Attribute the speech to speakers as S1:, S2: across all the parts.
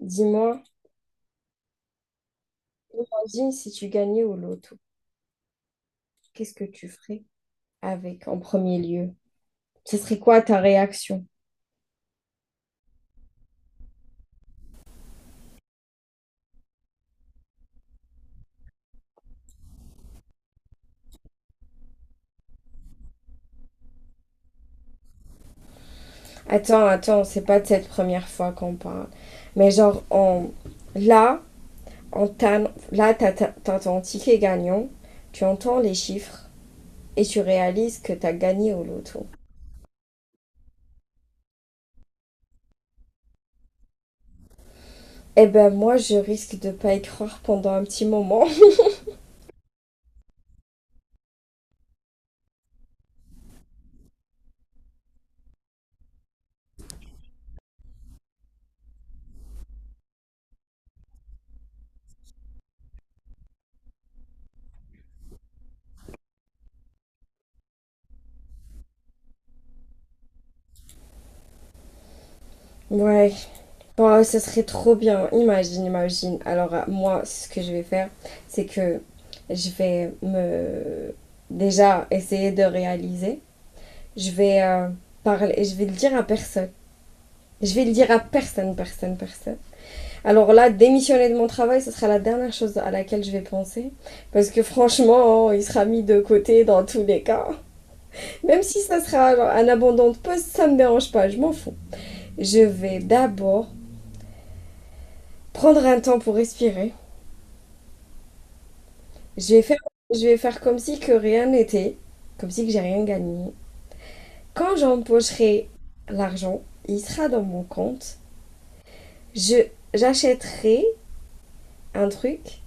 S1: Dis-moi, imagine si tu gagnais au loto, qu'est-ce que tu ferais avec en premier lieu? Ce serait quoi ta réaction? Attends, attends, c'est pas de cette première fois qu'on parle. Mais genre, là, là, t'as ton ticket gagnant, tu entends les chiffres et tu réalises que t'as gagné au loto. Eh ben moi, je risque de pas y croire pendant un petit moment. Ouais, waouh, ça serait trop bien. Imagine, imagine. Alors, moi, ce que je vais faire, c'est que je vais me déjà essayer de réaliser. Je vais parler, je vais le dire à personne. Je vais le dire à personne, personne, personne. Alors là, démissionner de mon travail, ce sera la dernière chose à laquelle je vais penser. Parce que franchement, oh, il sera mis de côté dans tous les cas. Même si ça sera genre, un abandon de poste, ça me dérange pas, je m'en fous. Je vais d'abord prendre un temps pour respirer. Je vais faire, je vais faire comme si que rien n'était, comme si que j'ai rien gagné. Quand j'empocherai l'argent, il sera dans mon compte. Je j'achèterai un truc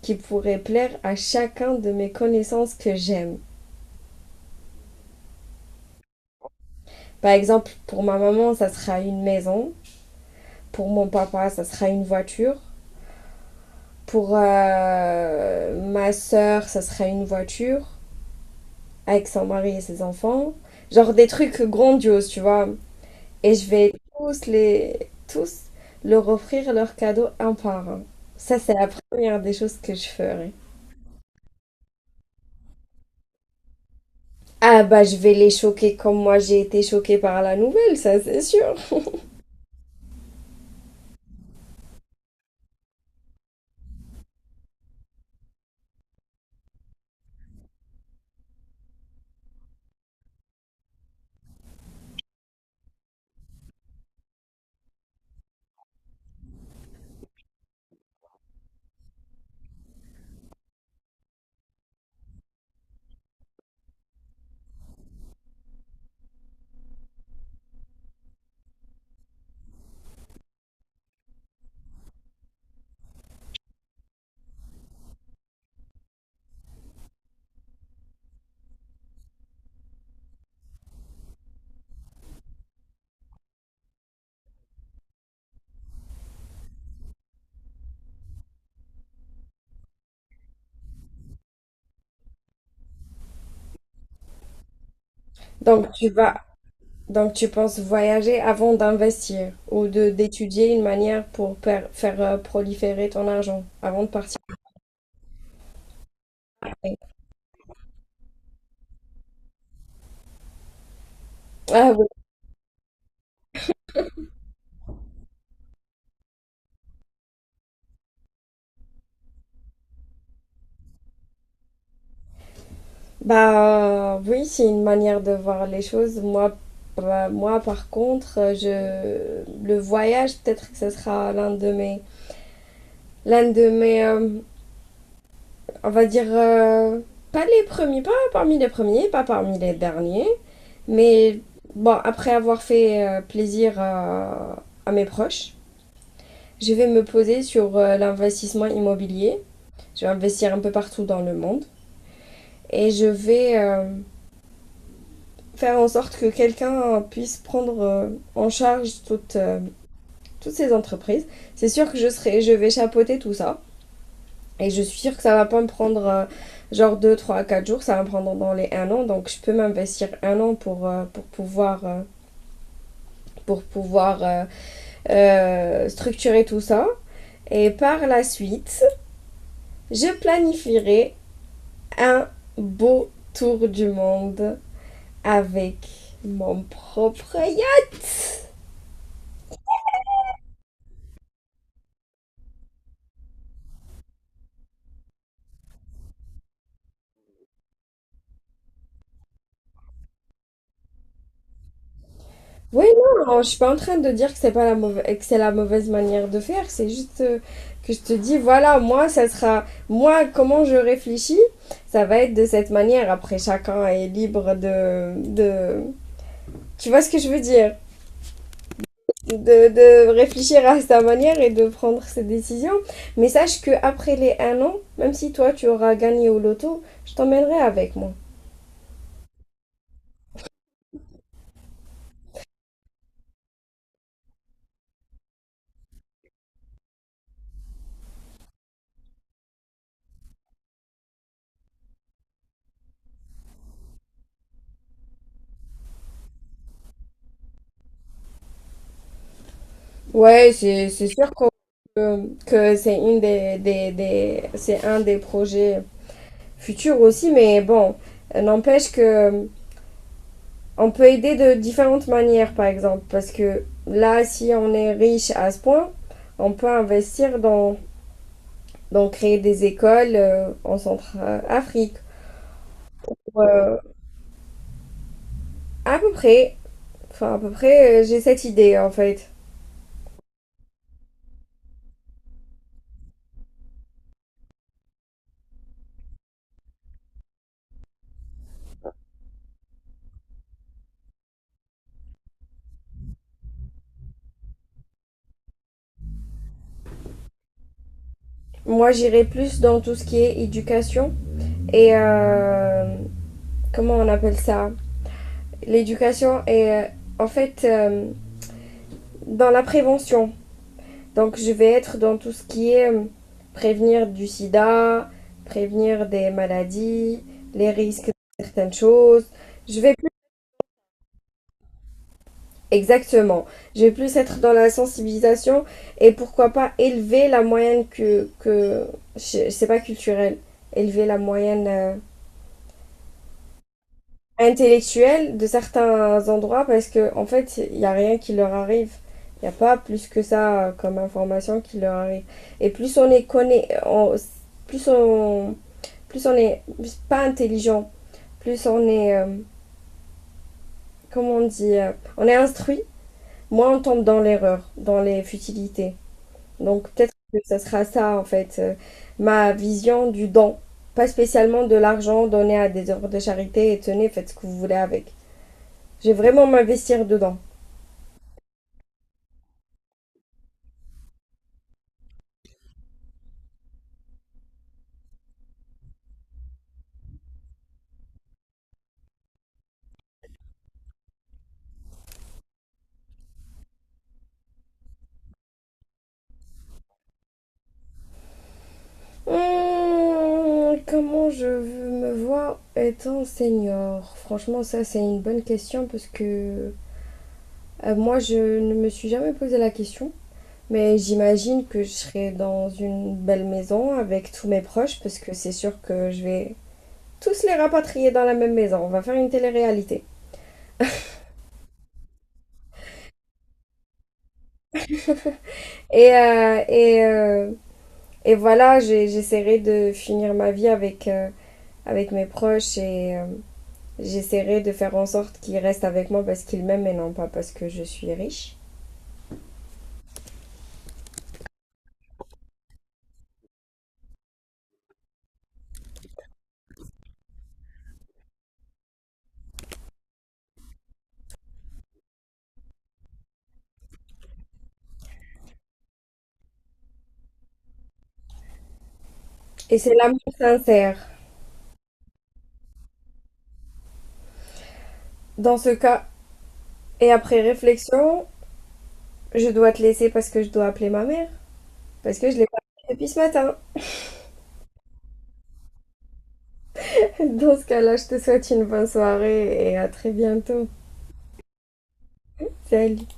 S1: qui pourrait plaire à chacun de mes connaissances que j'aime. Par exemple, pour ma maman, ça sera une maison. Pour mon papa, ça sera une voiture. Pour ma sœur, ça sera une voiture avec son mari et ses enfants. Genre des trucs grandioses, tu vois. Et je vais tous les tous leur offrir leurs cadeaux un par un. Ça, c'est la première des choses que je ferai. Ah bah je vais les choquer comme moi j'ai été choquée par la nouvelle, ça c'est sûr. Donc tu vas donc tu penses voyager avant d'investir ou de d'étudier une manière pour faire proliférer ton argent avant de partir. Ah, bah oui, c'est une manière de voir les choses. Moi, bah, moi par contre, je le voyage, peut-être que ce sera l'un de mes, l'un de mes, euh, on va dire, pas les premiers, pas parmi les derniers, mais bon, après avoir fait plaisir à mes proches, je vais me poser sur l'investissement immobilier. Je vais investir un peu partout dans le monde et je vais faire en sorte que quelqu'un puisse prendre en charge toutes ces entreprises. C'est sûr que je vais chapeauter tout ça. Et je suis sûre que ça va pas me prendre genre 2 3 4 jours, ça va me prendre dans les un an. Donc je peux m'investir un an pour pouvoir, pour pouvoir euh, structurer tout ça. Et par la suite, je planifierai un beau tour du monde avec mon propre yacht. Oui, non, je suis pas en train de dire que c'est pas la mauvaise, que c'est la mauvaise manière de faire, c'est juste que je te dis, voilà, moi, ça sera, moi, comment je réfléchis, ça va être de cette manière. Après, chacun est libre tu vois ce que je veux dire, de, de réfléchir à sa manière et de prendre ses décisions. Mais sache que après les un an, même si toi tu auras gagné au loto, je t'emmènerai avec moi. Ouais, c'est sûr que c'est une des, c'est un des projets futures aussi, mais bon, n'empêche que on peut aider de différentes manières, par exemple, parce que là, si on est riche à ce point, on peut investir dans créer des écoles en Centrafrique. Euh, à peu près, à peu près, j'ai cette idée en fait. Moi, j'irai plus dans tout ce qui est éducation et comment on appelle ça? L'éducation et en fait dans la prévention. Donc je vais être dans tout ce qui est prévenir du sida, prévenir des maladies, les risques de certaines choses. Je vais plus. Exactement. Je vais plus être dans la sensibilisation et pourquoi pas élever la moyenne. C'est pas culturel. Élever la moyenne intellectuelle de certains endroits parce que en fait, il n'y a rien qui leur arrive. Il n'y a pas plus que ça comme information qui leur arrive. Et plus on les connaît, plus on est pas intelligent, plus on est, comment on dit, on est instruit, moins on tombe dans l'erreur, dans les futilités. Donc peut-être que ça sera ça en fait, ma vision du don. Pas spécialement de l'argent donné à des œuvres de charité et tenez, faites ce que vous voulez avec. Je vais vraiment m'investir dedans. Hmm, comment je me vois étant senior. Franchement, ça c'est une bonne question parce que moi je ne me suis jamais posé la question. Mais j'imagine que je serai dans une belle maison avec tous mes proches parce que c'est sûr que je vais tous les rapatrier dans la même maison. On va faire une télé-réalité. Et, euh, et, euh, et voilà, j'essaierai de finir ma vie avec mes proches et j'essaierai de faire en sorte qu'ils restent avec moi parce qu'ils m'aiment et non pas parce que je suis riche. Et c'est l'amour sincère. Dans ce cas, et après réflexion, je dois te laisser parce que je dois appeler ma mère. Parce que je l'ai pas appelée depuis ce matin. Dans ce cas-là, je te souhaite une bonne soirée et à très bientôt. Salut.